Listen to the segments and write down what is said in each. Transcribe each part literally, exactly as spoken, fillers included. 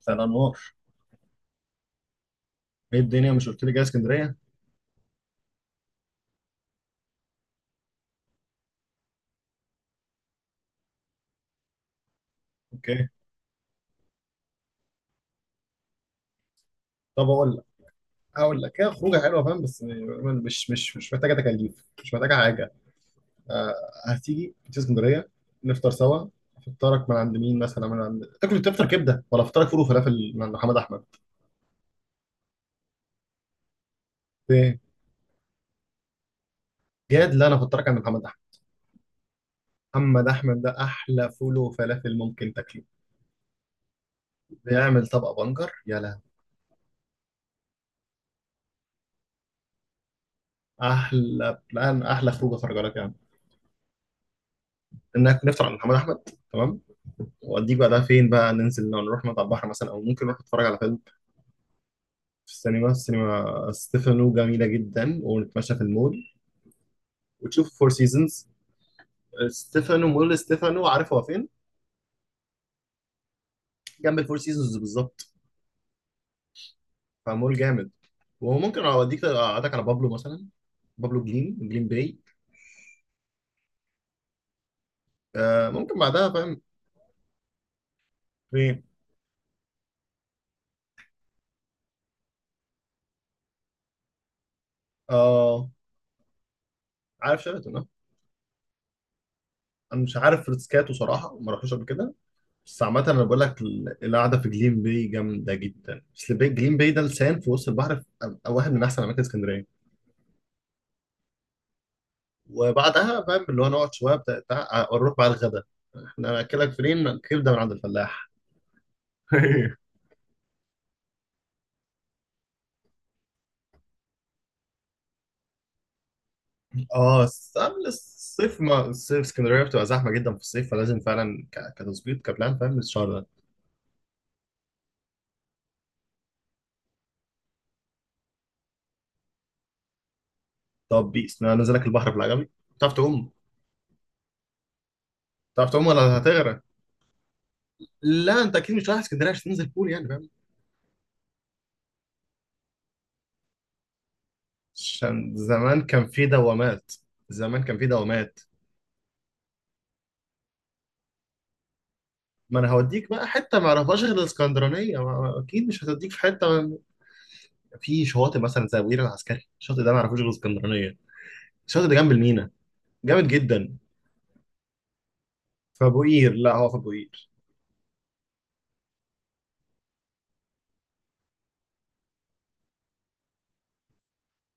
مساء الانوار. ايه الدنيا؟ مش قلت لي جاي اسكندريه. اوكي. طب اقول لك هقول لك، هي خروجه حلوه فاهم، بس يعني مش مش مش محتاجه تكاليف، مش محتاجه حاجه. آه هتيجي تيجي اسكندريه، نفطر سوا. فطارك من عند مين؟ مثلا من عند تاكل تفطر كبده، ولا فطارك فول وفلافل من عند محمد احمد؟ ايه. جاد؟ لا، انا فطارك عند محمد احمد. محمد احمد ده احلى فول وفلافل ممكن تاكله، بيعمل طبق بنجر يا لهوي. احلى بلان، احلى خروجه خرجه لك يعني، انك نفطر عند محمد احمد. تمام. وأوديك بعدها فين بقى؟ ننزل لو نروح مطعم بحر مثلا، أو ممكن نروح نتفرج على فيلم في السينما السينما ستيفانو جميلة جدا، ونتمشى في المول وتشوف فور سيزونز. ستيفانو مول، ستيفانو عارف هو فين؟ جنب الفور سيزونز بالظبط، فمول جامد. وممكن أوديك أقعدك على بابلو مثلا، بابلو جليم جليم باي. آه ممكن بعدها فاهم. فين؟ آه عارف شيراتون، اه. أنا مش عارف ريتسكاتو صراحة، ما رحتوش قبل كده، بس عامة أنا بقول لك ال- القعدة في جليم باي جامدة جدا، بس البي- جليم باي ده لسان في وسط البحر، في أم- واحد من أحسن أماكن اسكندرية. وبعدها فاهم اللي هو نقعد شوية بتاع بتاع- نروح بقى الغدا. إحنا هنأكلك فين؟ كبدة من عند الفلاح. اه، س- قبل الصيف، ما الصيف اسكندريه بتبقى زحمه جدا في الصيف، فلازم فعلا ك- كتظبيط كبلان فاهم الشهر ده. طب بيس، انا نزلك البحر في العجمي. بتعرف تعوم؟ بتعرف تعوم ولا هتغرق؟ لا، انت اكيد مش رايح اسكندريه عشان تنزل بول يعني. عشان زمان كان في دوامات، زمان كان في دوامات. ما انا هوديك بقى حته ما اعرفهاش غير الاسكندرانيه، ما- ما- اكيد مش هتوديك في حته ما-. في شواطئ مثلا زي ابو قير العسكري، الشاطئ ده ما اعرفوش غير الاسكندرانيه. الشاطئ ده جنب المينا، جامد جدا. في ابو قير، لا هو في ابو قير.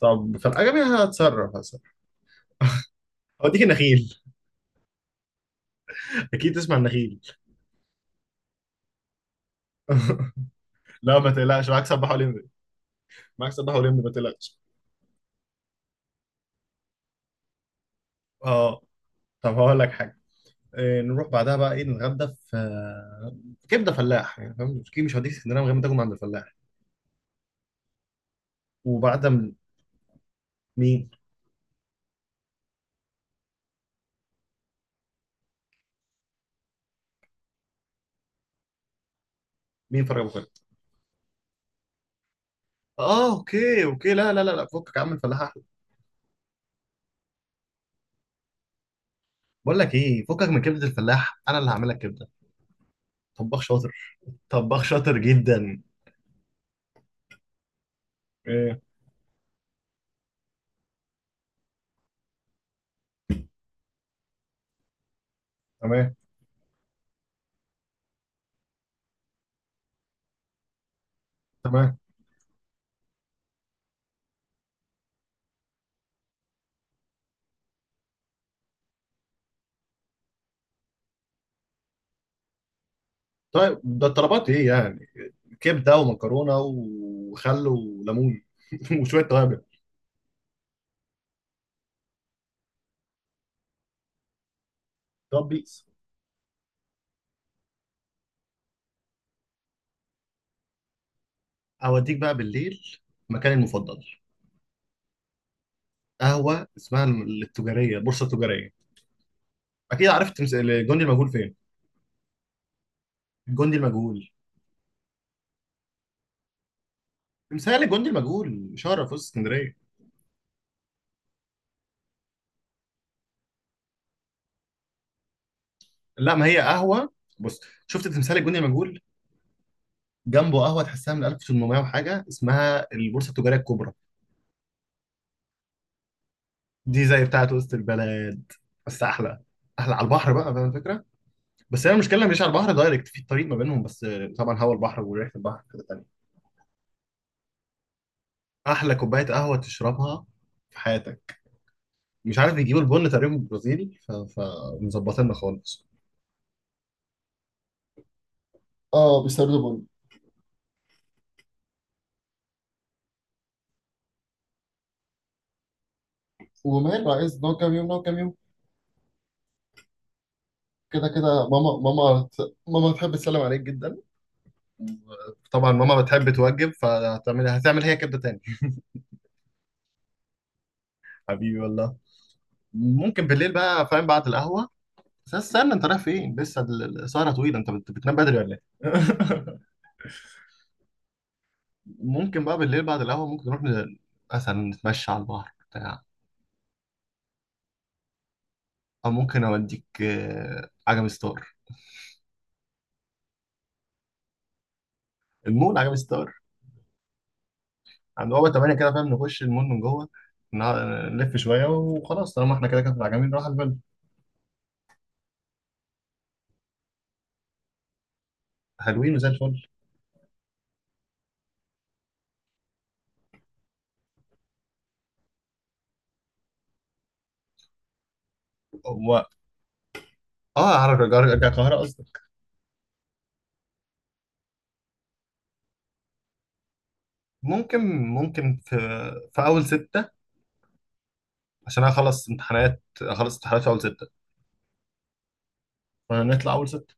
طب في العجمي هتصرف هتصرف. هوديك النخيل. اكيد تسمع النخيل. لا، ما تقلقش معاك سباح اولمبيك، معاك سباح اولمبيك ما تقلقش. اه. طب هقول لك حاجه، آه، نروح بعدها بقى ايه؟ نتغدى في آه، كبده فلاح يعني، فاهم اكيد مش هديك اسكندريه من غير ما تاكل من عند الفلاح. وبعدها من... مين؟ مين فرج ابو خالد؟ اه اوكي اوكي، لا لا لا لا، فكك يا عم، الفلاح احلى. بقول لك ايه، فكك من كبده الفلاح، انا اللي هعمل لك كبده. طباخ شاطر، طباخ شاطر جدا. ايه. تمام تمام. طيب ده الطلبات ايه يعني؟ كبده ومكرونه وخل وليمون، وشويه توابل. طب بيس، اوديك بقى بالليل مكاني المفضل، قهوه اسمها التجاريه، البورصه التجاريه. اكيد عارف تمس... الجندي المجهول فين؟ الجندي المجهول، تمثال الجندي المجهول شارع في وسط اسكندريه. لا ما هي قهوه، بص، شفت تمثال الجندي المجهول، جنبه قهوه تحسها من ألف وتمنمية وحاجه، اسمها البورصه التجاريه الكبرى. دي زي بتاعه وسط البلد، بس احلى، احلى على البحر بقى فاهم الفكره. بس هي المشكله مش على البحر دايركت، في الطريق ما بينهم بس. طبعا هوا البحر وريحه البحر كده تاني. احلى كوبايه قهوه تشربها في حياتك. مش عارف بيجيبوا البن تقريبا برازيلي، فمظبطيننا خالص. اه بيستوردوا بن. وماله، عايز نقعد كام يوم نقعد كام يوم. كده كده ماما، ماما، ماما تحب تسلم عليك جدا. طبعا ماما بتحب توجب، فهتعمل هتعمل هي كده تاني. حبيبي والله. ممكن بالليل بقى فاهم بعد القهوة. بس استنى، انت رايح فين لسه؟ ال- السهرة طويلة، انت بت- بتنام بدري ولا ايه؟ ممكن بقى بالليل بعد القهوة، ممكن نروح ن- مثلا نتمشى على البحر بتاع. او ممكن اوديك آه، عجمي ستار، المول عجمي ستار، عند بابا تمنية كده فاهم، نخش المول من جوه، نع- نلف شويه، وخلاص طالما احنا كده كده راجعين نروح على الفيلا. حلوين وزي الفل. و... اه اعرف ارجع، ارجع القاهره قصدي. ممكن ممكن في في اول سته، عشان انا اخلص امتحانات اخلص امتحانات في اول سته، فنطلع اول سته.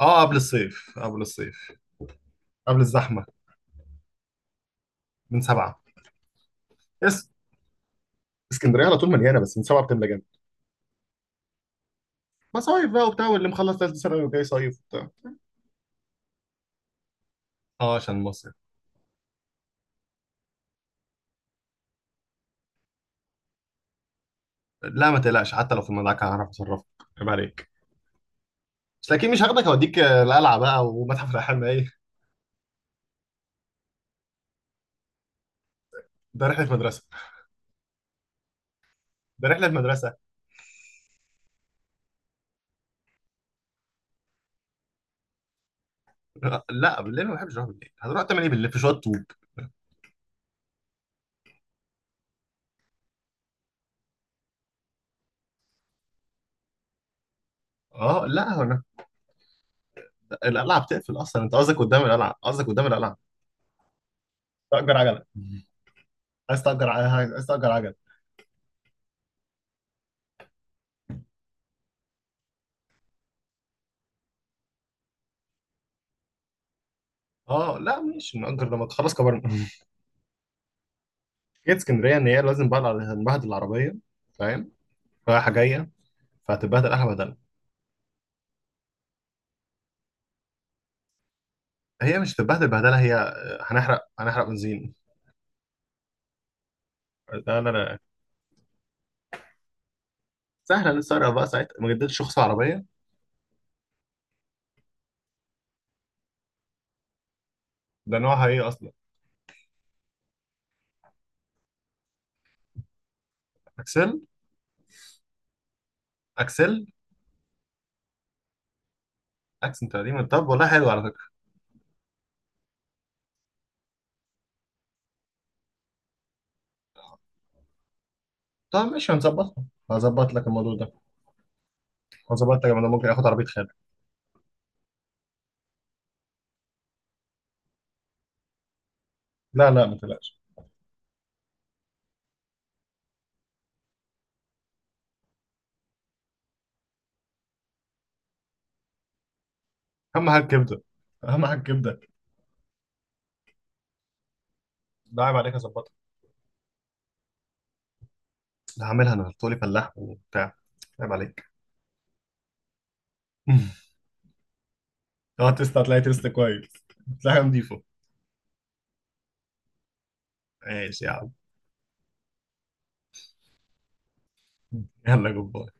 اه قبل الصيف، قبل الصيف، قبل الزحمه. من سبعه. اس اسكندريه على طول مليانه، بس من سبعه بتملى جامد. مصايف بقى وبتاع واللي مخلص ثالث سنه وجاي صيف وبتاع. اه عشان مصيف. لا ما تقلقش، حتى لو في المدعكه هعرف اتصرف، عيب عليك. بس اكيد مش هاخدك اوديك آه، القلعه بقى ومتحف الاحلام ايه. ده رحله مدرسه، ده رحله مدرسه. لا بالليل ما بحبش اروح، بالليل هتروح تعمل ايه بالليل؟ في شويه طوب. اه لا، هو أنا- القلعه بتقفل اصلا، انت قصدك قدام القلعه، قصدك قدام القلعه. تأجر عجله؟ عايز تأجر ع- عايز تأجر عجله؟ اه لا مش نأجر لما تخلص كبرنا. جيت اسكندريه ان هي لازم بقى الع- هنبهدل العربيه فاهم، رايحه جايه، فهتتبهدل احلى بهدله. هي مش هتتبهدل بهدله هي، هنحرق هنحرق بنزين. لا لا لا، سهله نسرق بقى ساعتها ما جددتش رخص العربيه. ده نوعها ايه اصلا؟ اكسل. اكسل. اكسن تقريبا. طب والله حلو على فكره. طب ماشي هنظبطها، هظبط لك الموضوع ده، هظبط لك. انا ممكن اخد عربيه خالد. لا لا ما تقلقش. اهم حاجه كبده، اهم حاجه كبده. ده عيب عليك هظبطها. ده هعملها انا، هتقولي فلاح وبتاع، عيب عليك. اه تسلا، هتلاقي تسلا كويس، هتلاقيها نضيفه. ماشي يا عم. يلا جبار.